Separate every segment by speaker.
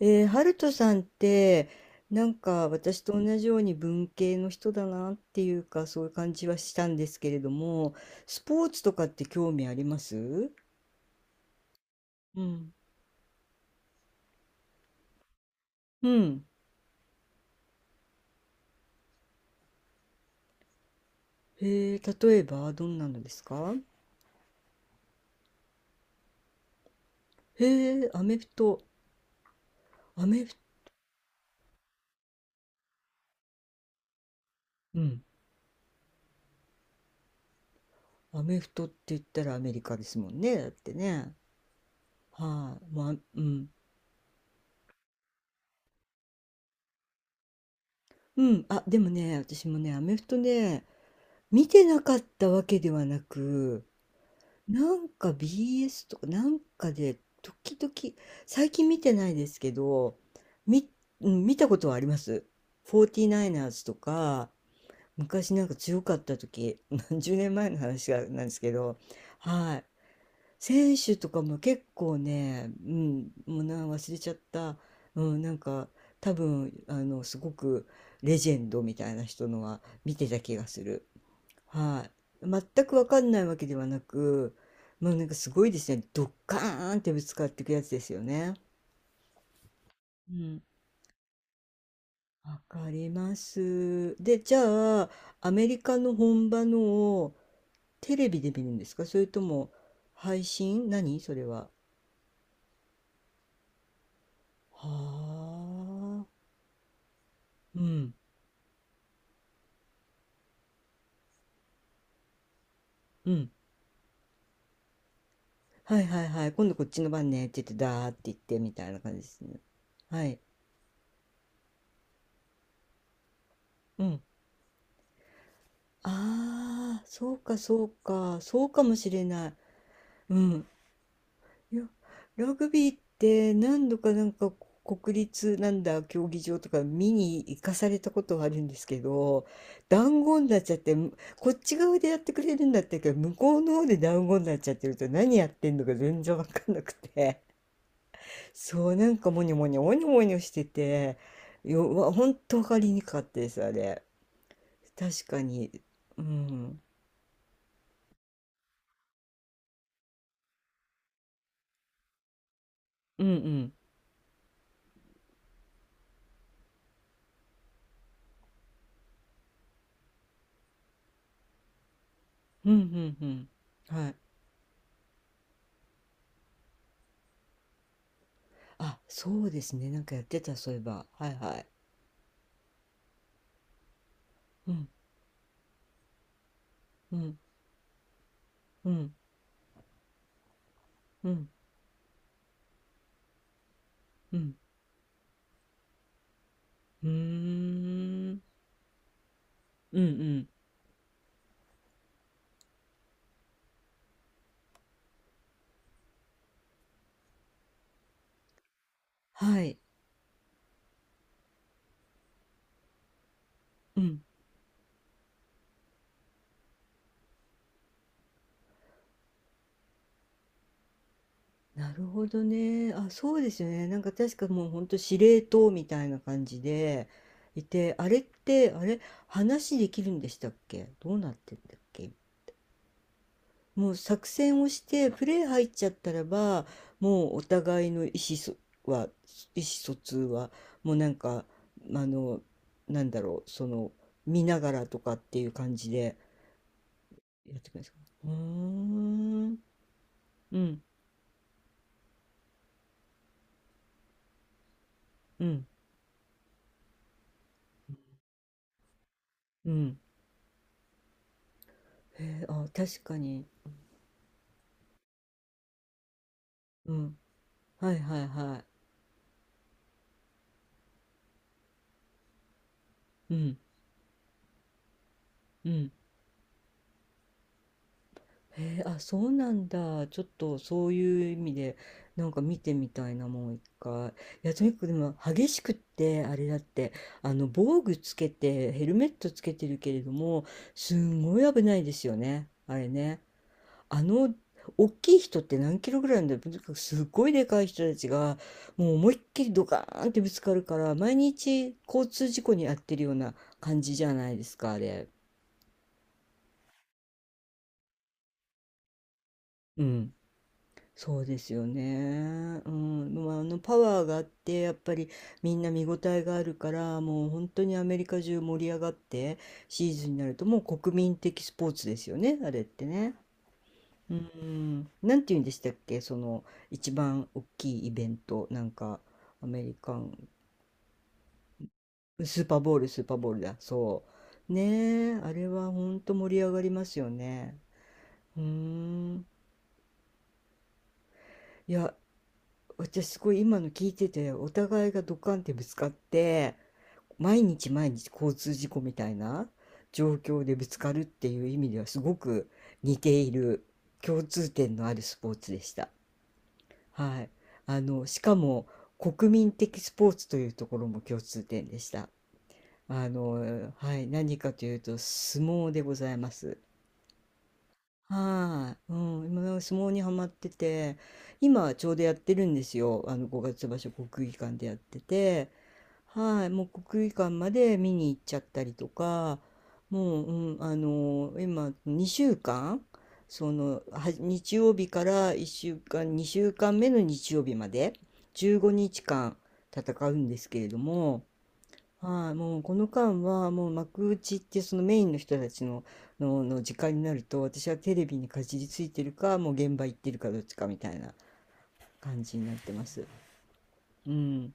Speaker 1: ハルトさんってなんか私と同じように文系の人だなっていうか、そういう感じはしたんですけれども、スポーツとかって興味あります？うん。うん。へえ、例えばどんなのですか？へえ、アメフト。アメフ、うん。アメフトって言ったらアメリカですもんね。だってね。はい、まあ、うん。うん。あ、でもね、私もね、アメフトね、見てなかったわけではなく、なんか BS とかなんかで時々、最近見てないですけど、み、うん、見たことはあります。49ers とか昔なんか強かった時、何 十年前の話がなんですけど、はい、選手とかも結構ね、うん、もう忘れちゃった、うん、なんか多分あのすごくレジェンドみたいな人のは見てた気がする。はい。全くわかんないわけではなく、もうなんかすごいですね。ドッカーンってぶつかっていくやつですよね。うん。わかります。で、じゃあ、アメリカの本場のをテレビで見るんですか？それとも配信？何それは？はあ。うん。うん。はいはいはい。今度こっちの番ねって言って、ダーって言ってみたいな感じですね。はい。うん。ああ、そうかそうか。そうかもしれない。うん、いや、ラグビーって何度かなんか国立なんだ競技場とか見に行かされたことはあるんですけど、団子になっちゃって、こっち側でやってくれるんだったけど、向こうの方で団子になっちゃってると何やってんのか全然わかんなくて、そう、なんかモニョモニョ、モニョモニョしてて、ほんとわかりにくかったです、あれ。確かに。うん。うんうん。うんうんうん。はい。あ、そうですね。なんかやってた、そういえば。はいはい。うんうん、うん、うん、うん。うーん。うんうん。はい。うん。なるほどね。あ、そうですよね。なんか確かもうほんと司令塔みたいな感じでいて、あれって、あれ、話できるんでしたっけ？どうなってんだっけ？もう作戦をして、プレー入っちゃったらば、もうお互いのは、意思疎通は、もうなんか、あの、なんだろう、その、見ながらとかっていう感じでやってくれるんですか？うーん。うん、うん、うん。へえ、あ、確かに。うん。はいはいはい。うん、うん。へえ、あ、そうなんだ。ちょっとそういう意味で、なんか見てみたいな、もう一回。いや、とにかくでも、激しくって、あれだって、あの、防具つけて、ヘルメットつけてるけれども、すんごい危ないですよね。あれね。あの、大きい人って何キロぐらいなんだろう？とにかくすっごいでかい人たちがもう思いっきりドカーンってぶつかるから、毎日交通事故に遭ってるような感じじゃないですか、あれ。うん、そうですよね。うん、でもあのパワーがあってやっぱりみんな見応えがあるから、もう本当にアメリカ中盛り上がって、シーズンになるともう国民的スポーツですよね、あれってね。うーん、なんて言うんでしたっけ？その一番大きいイベント、なんかアメリカン、スーパーボール、スーパーボールだ、そう。ねえ、あれは本当盛り上がりますよね。うーん、いや、私すごい今の聞いてて、お互いがドカンってぶつかって、毎日毎日交通事故みたいな状況でぶつかるっていう意味ではすごく似ている、共通点のあるスポーツでした。はい。あの、しかも国民的スポーツというところも共通点でした。あの、はい。何かというと相撲でございます。はい。うん。今なんか相撲にはまってて、今ちょうどやってるんですよ。あの、五月場所国技館でやってて、はい、もう国技館まで見に行っちゃったりとか、もう、うん、あの今2週間、そのは日曜日から1週間、2週間目の日曜日まで15日間戦うんですけれども、はい、もうこの間はもう幕内ってそのメインの人たちの、の時間になると私はテレビにかじりついてるか、もう現場行ってるかどっちかみたいな感じになってます。うん、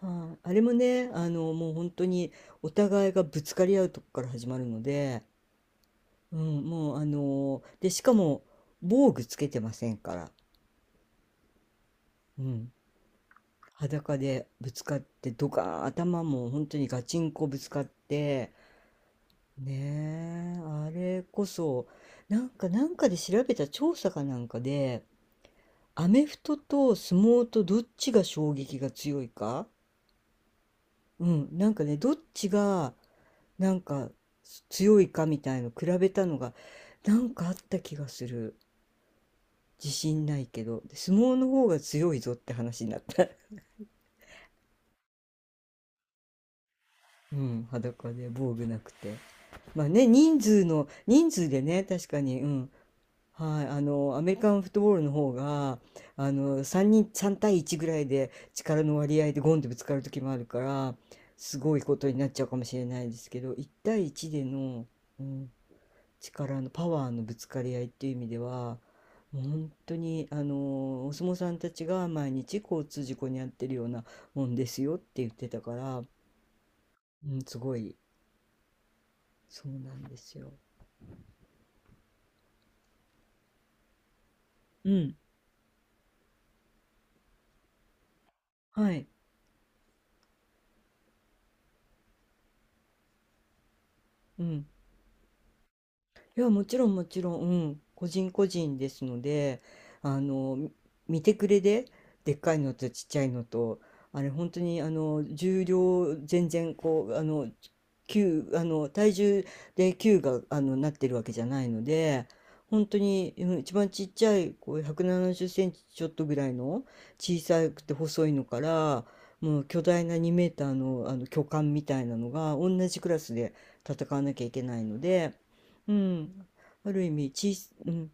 Speaker 1: はい、あれもね、あの、もう本当にお互いがぶつかり合うとこから始まるので、うん、もうあの、で、しかも防具つけてませんから、うん、裸でぶつかってドカーン、頭も本当にガチンコぶつかって、ねえ、あれこそ、なんかで調べた調査かなんかで、アメフトと相撲とどっちが衝撃が強いか、うん、なんかね、どっちが、なんか強いかみたいの比べたのがなんかあった気がする、自信ないけど相撲の方が強いぞって話になった。 うん、裸で防具なくて、まあね、人数でね、確かに。うん。はい、あのアメリカンフットボールの方があの3人3対1ぐらいで力の割合でゴンってぶつかる時もあるから、すごいことになっちゃうかもしれないですけど、1対1での、うん、力のパワーのぶつかり合いっていう意味では、本当にあのお相撲さんたちが毎日交通事故に遭ってるようなもんですよって言ってたから、うん、すごい。そうなんですよ。うん、はい、うん、いや、もちろんもちろん、うん、個人個人ですので、あの、見てくれで、でっかいのとちっちゃいのと、あれ本当にあの重量全然こうあの球あの体重で球があのなってるわけじゃないので、本当にうん、一番ちっちゃいこう170センチちょっとぐらいの小さくて細いのから、もう巨大な2メーターの、あの巨漢みたいなのが同じクラスで戦わなきゃいけないので。うん、ある意味小さ、うん、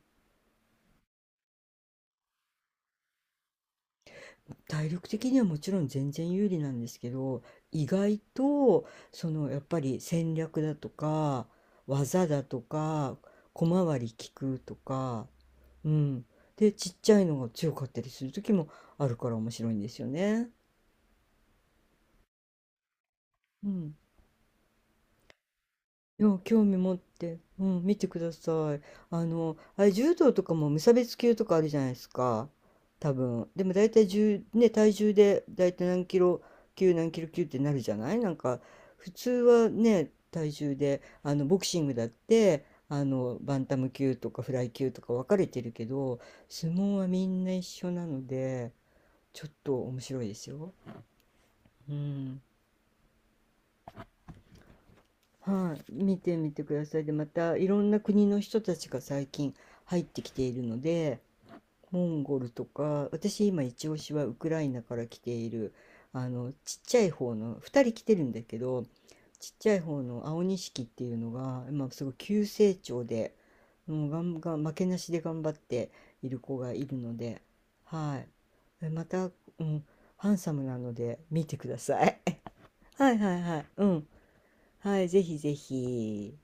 Speaker 1: 体力的にはもちろん全然有利なんですけど、意外とそのやっぱり戦略だとか、技だとか、小回り利くとか、うん、でちっちゃいのが強かったりする時もあるから面白いんですよね。うん、いや、興味持って、うん、見てください。あの、あれ、柔道とかも無差別級とかあるじゃないですか。多分。でも大体重、ね、体重で大体何キロ級、何キロ級ってなるじゃない、なんか、普通はね、体重で、あの、ボクシングだって、あの、バンタム級とかフライ級とか分かれてるけど、相撲はみんな一緒なので、ちょっと面白いですよ。うん。はい、見てみてください。で、またいろんな国の人たちが最近入ってきているので、モンゴルとか、私今一押しはウクライナから来ている、あの、ちっちゃい方の、2人来てるんだけど、ちっちゃい方の青錦っていうのが、今すごい急成長で、もうガンガン、負けなしで頑張っている子がいるので、はい。また、うん、ハンサムなので見てください。はいはいはい。うん。はい、ぜひぜひ。